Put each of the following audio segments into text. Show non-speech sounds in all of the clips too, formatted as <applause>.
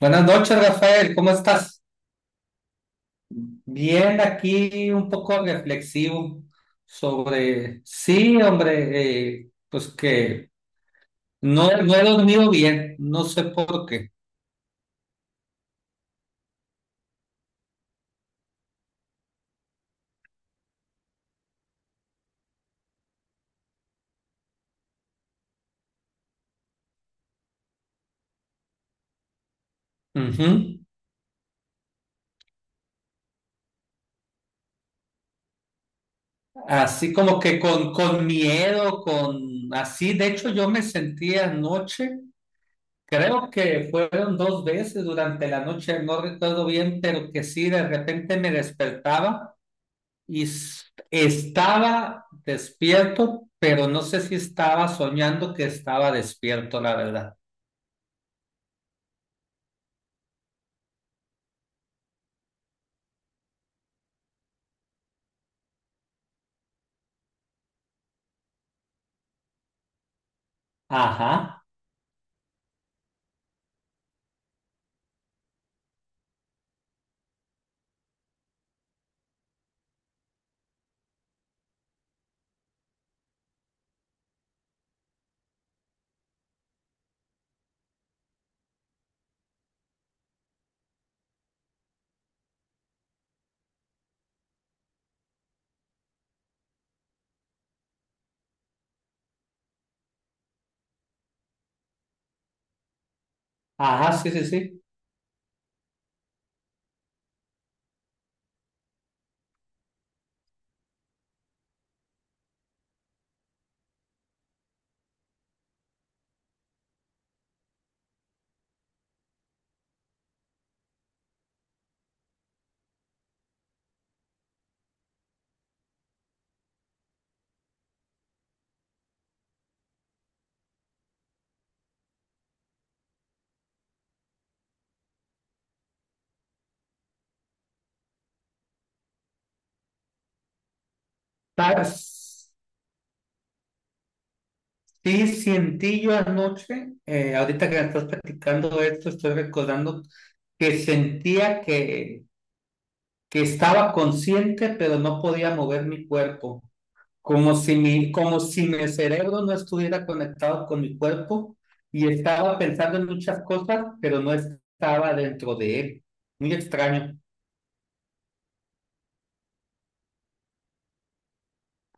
Buenas noches, Rafael, ¿cómo estás? Bien, aquí un poco reflexivo sobre, sí, hombre, pues que no, no he dormido bien, no sé por qué. Ujú. Así como que con miedo, con así, de hecho yo me sentí anoche, creo que fueron dos veces durante la noche, no recuerdo bien, pero que sí, de repente me despertaba. Y estaba despierto, pero no sé si estaba soñando que estaba despierto, la verdad. Ajá, ajá, sí, sí, sí. Ta- Sí, sentí yo anoche, ahorita que me estás platicando esto, estoy recordando que sentía que estaba consciente, pero no podía mover mi cuerpo. Como si mi cerebro no estuviera conectado con mi cuerpo y estaba pensando en muchas cosas, pero no estaba dentro de él. Muy extraño.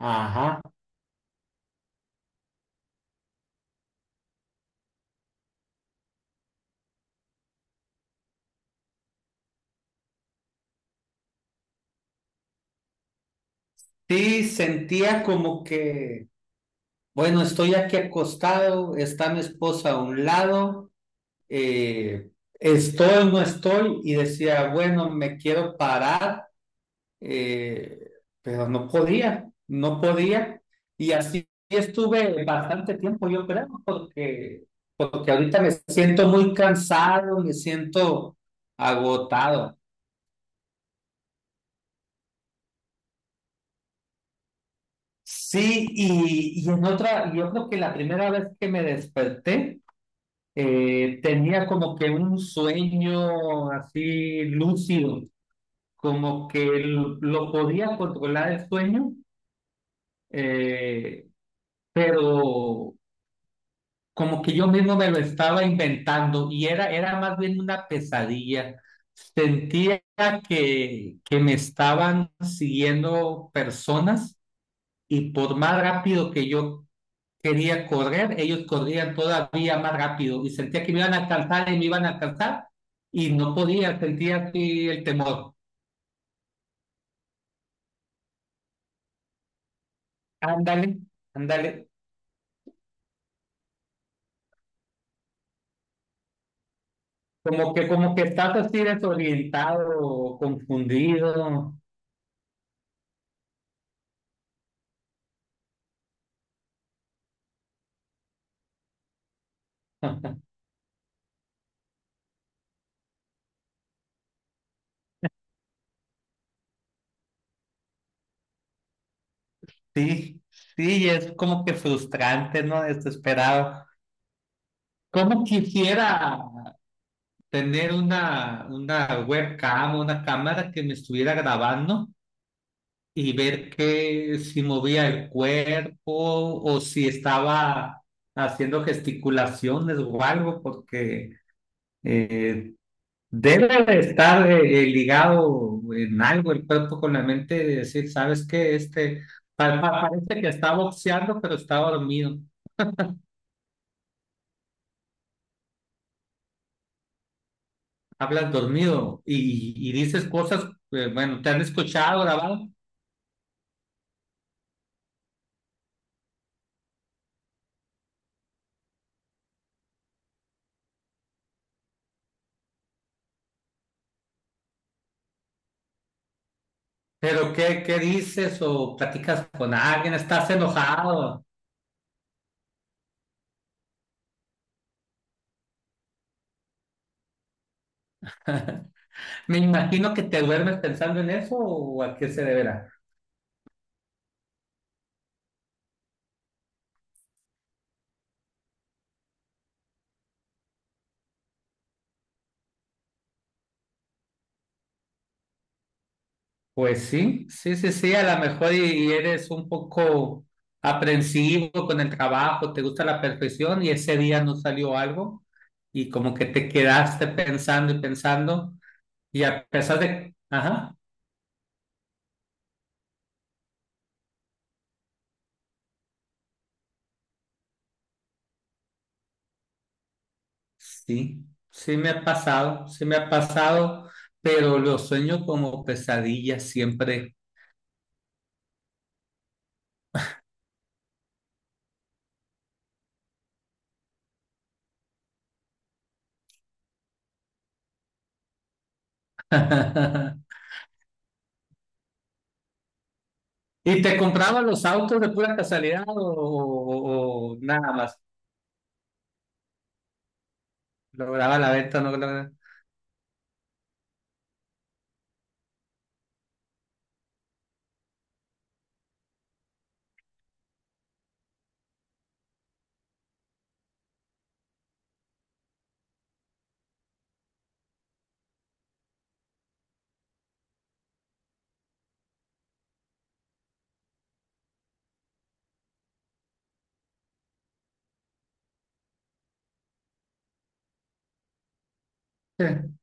Ajá. Sí, sentía como que, bueno, estoy aquí acostado, está mi esposa a un lado, eh, estoy, no estoy, y decía, bueno, me quiero parar eh, pero no podía, no podía. Y así estuve bastante tiempo, yo creo, porque ahorita me siento muy cansado, me siento agotado. Sí, y en otra, yo creo que la primera vez que me desperté, tenía como que un sueño así lúcido, como que lo podía controlar el sueño, eh, pero como que yo mismo me lo estaba inventando y era más bien una pesadilla. Sentía que me estaban siguiendo personas y por más rápido que yo quería correr, ellos corrían todavía más rápido y sentía que me iban a alcanzar y me iban a alcanzar y no podía, sentía así el temor. Ándale, ándale. Como que estás así desorientado, confundido. <laughs> Sí, sí, es como que frustrante, ¿no? Desesperado. ¿Cómo quisiera tener una webcam, una cámara que me estuviera grabando y ver que si movía el cuerpo o si estaba haciendo gesticulaciones o algo? Porque eh, debe de estar ligado en algo el cuerpo con la mente, de decir, ¿sabes qué? Este parece que está boxeando, pero está dormido. Hablas dormido y dices cosas, bueno, te han escuchado grabado, pero ¿qué dices o platicas con alguien? ¿Estás enojado? Me imagino que te duermes pensando en eso o a qué se deberá. Pues sí, sí, sí, sí, a lo mejor y eres un poco aprensivo con el trabajo, te gusta la perfección y ese día no salió algo y como que te quedaste pensando y pensando y a pesar de. Ajá. Sí, sí me ha pasado, sí me ha pasado, pero lo sueño como pesadilla siempre. <laughs> ¿Y te compraba los autos de pura casualidad o nada más? ¿Lograba la venta? ¿No lograba? Sí.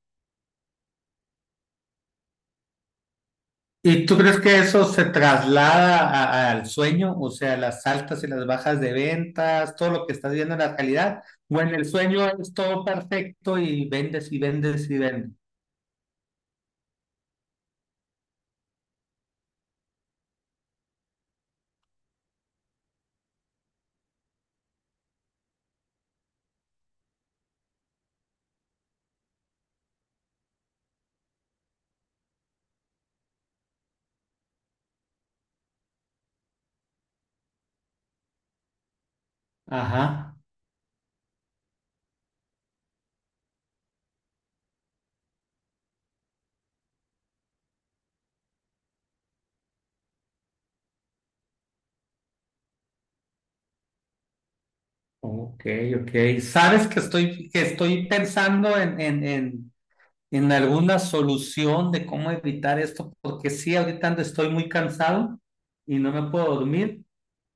¿Y tú crees que eso se traslada al sueño? O sea, las altas y las bajas de ventas, todo lo que estás viendo en la realidad, o en el sueño es todo perfecto y vendes y vendes y vendes. Ajá. Ok, ok. Sabes que estoy pensando en alguna solución de cómo evitar esto, porque sí, ahorita estoy muy cansado y no me puedo dormir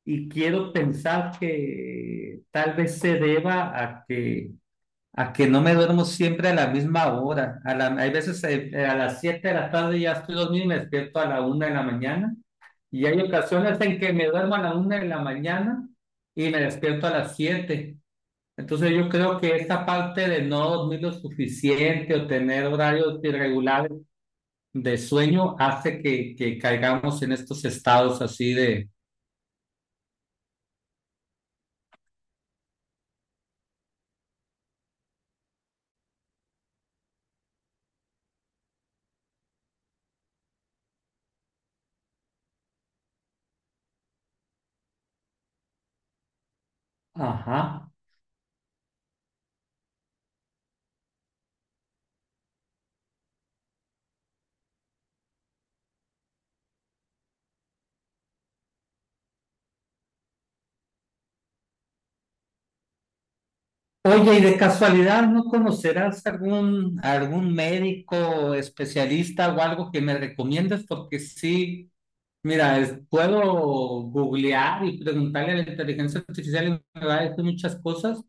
y quiero pensar que tal vez se deba a que no me duermo siempre a la misma hora. Hay veces, a las 7 de la tarde ya estoy dormido y me despierto a la 1 de la mañana y hay ocasiones en que me duermo a la 1 de la mañana y me despierto a las 7. Entonces yo creo que esta parte de no dormir lo suficiente o tener horarios irregulares de sueño hace que caigamos en estos estados así de. Ajá. Oye, y de casualidad, ¿no conocerás algún médico especialista o algo que me recomiendes? Porque sí, mira, puedo googlear y preguntarle a la inteligencia artificial y me va a decir muchas cosas,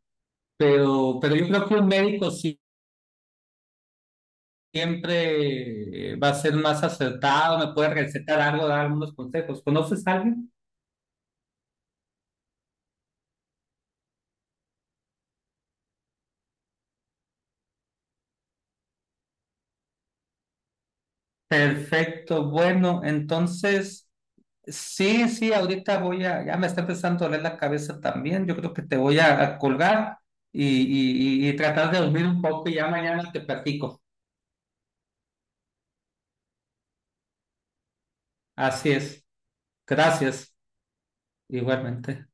pero yo creo que un médico sí siempre va a ser más acertado, me puede recetar algo, dar algunos consejos. ¿Conoces a alguien? Perfecto, bueno, entonces, sí, sí, ahorita ya me está empezando a doler la cabeza también, yo creo que te voy a colgar y tratar de dormir un poco y ya mañana te platico. Así es, gracias, igualmente.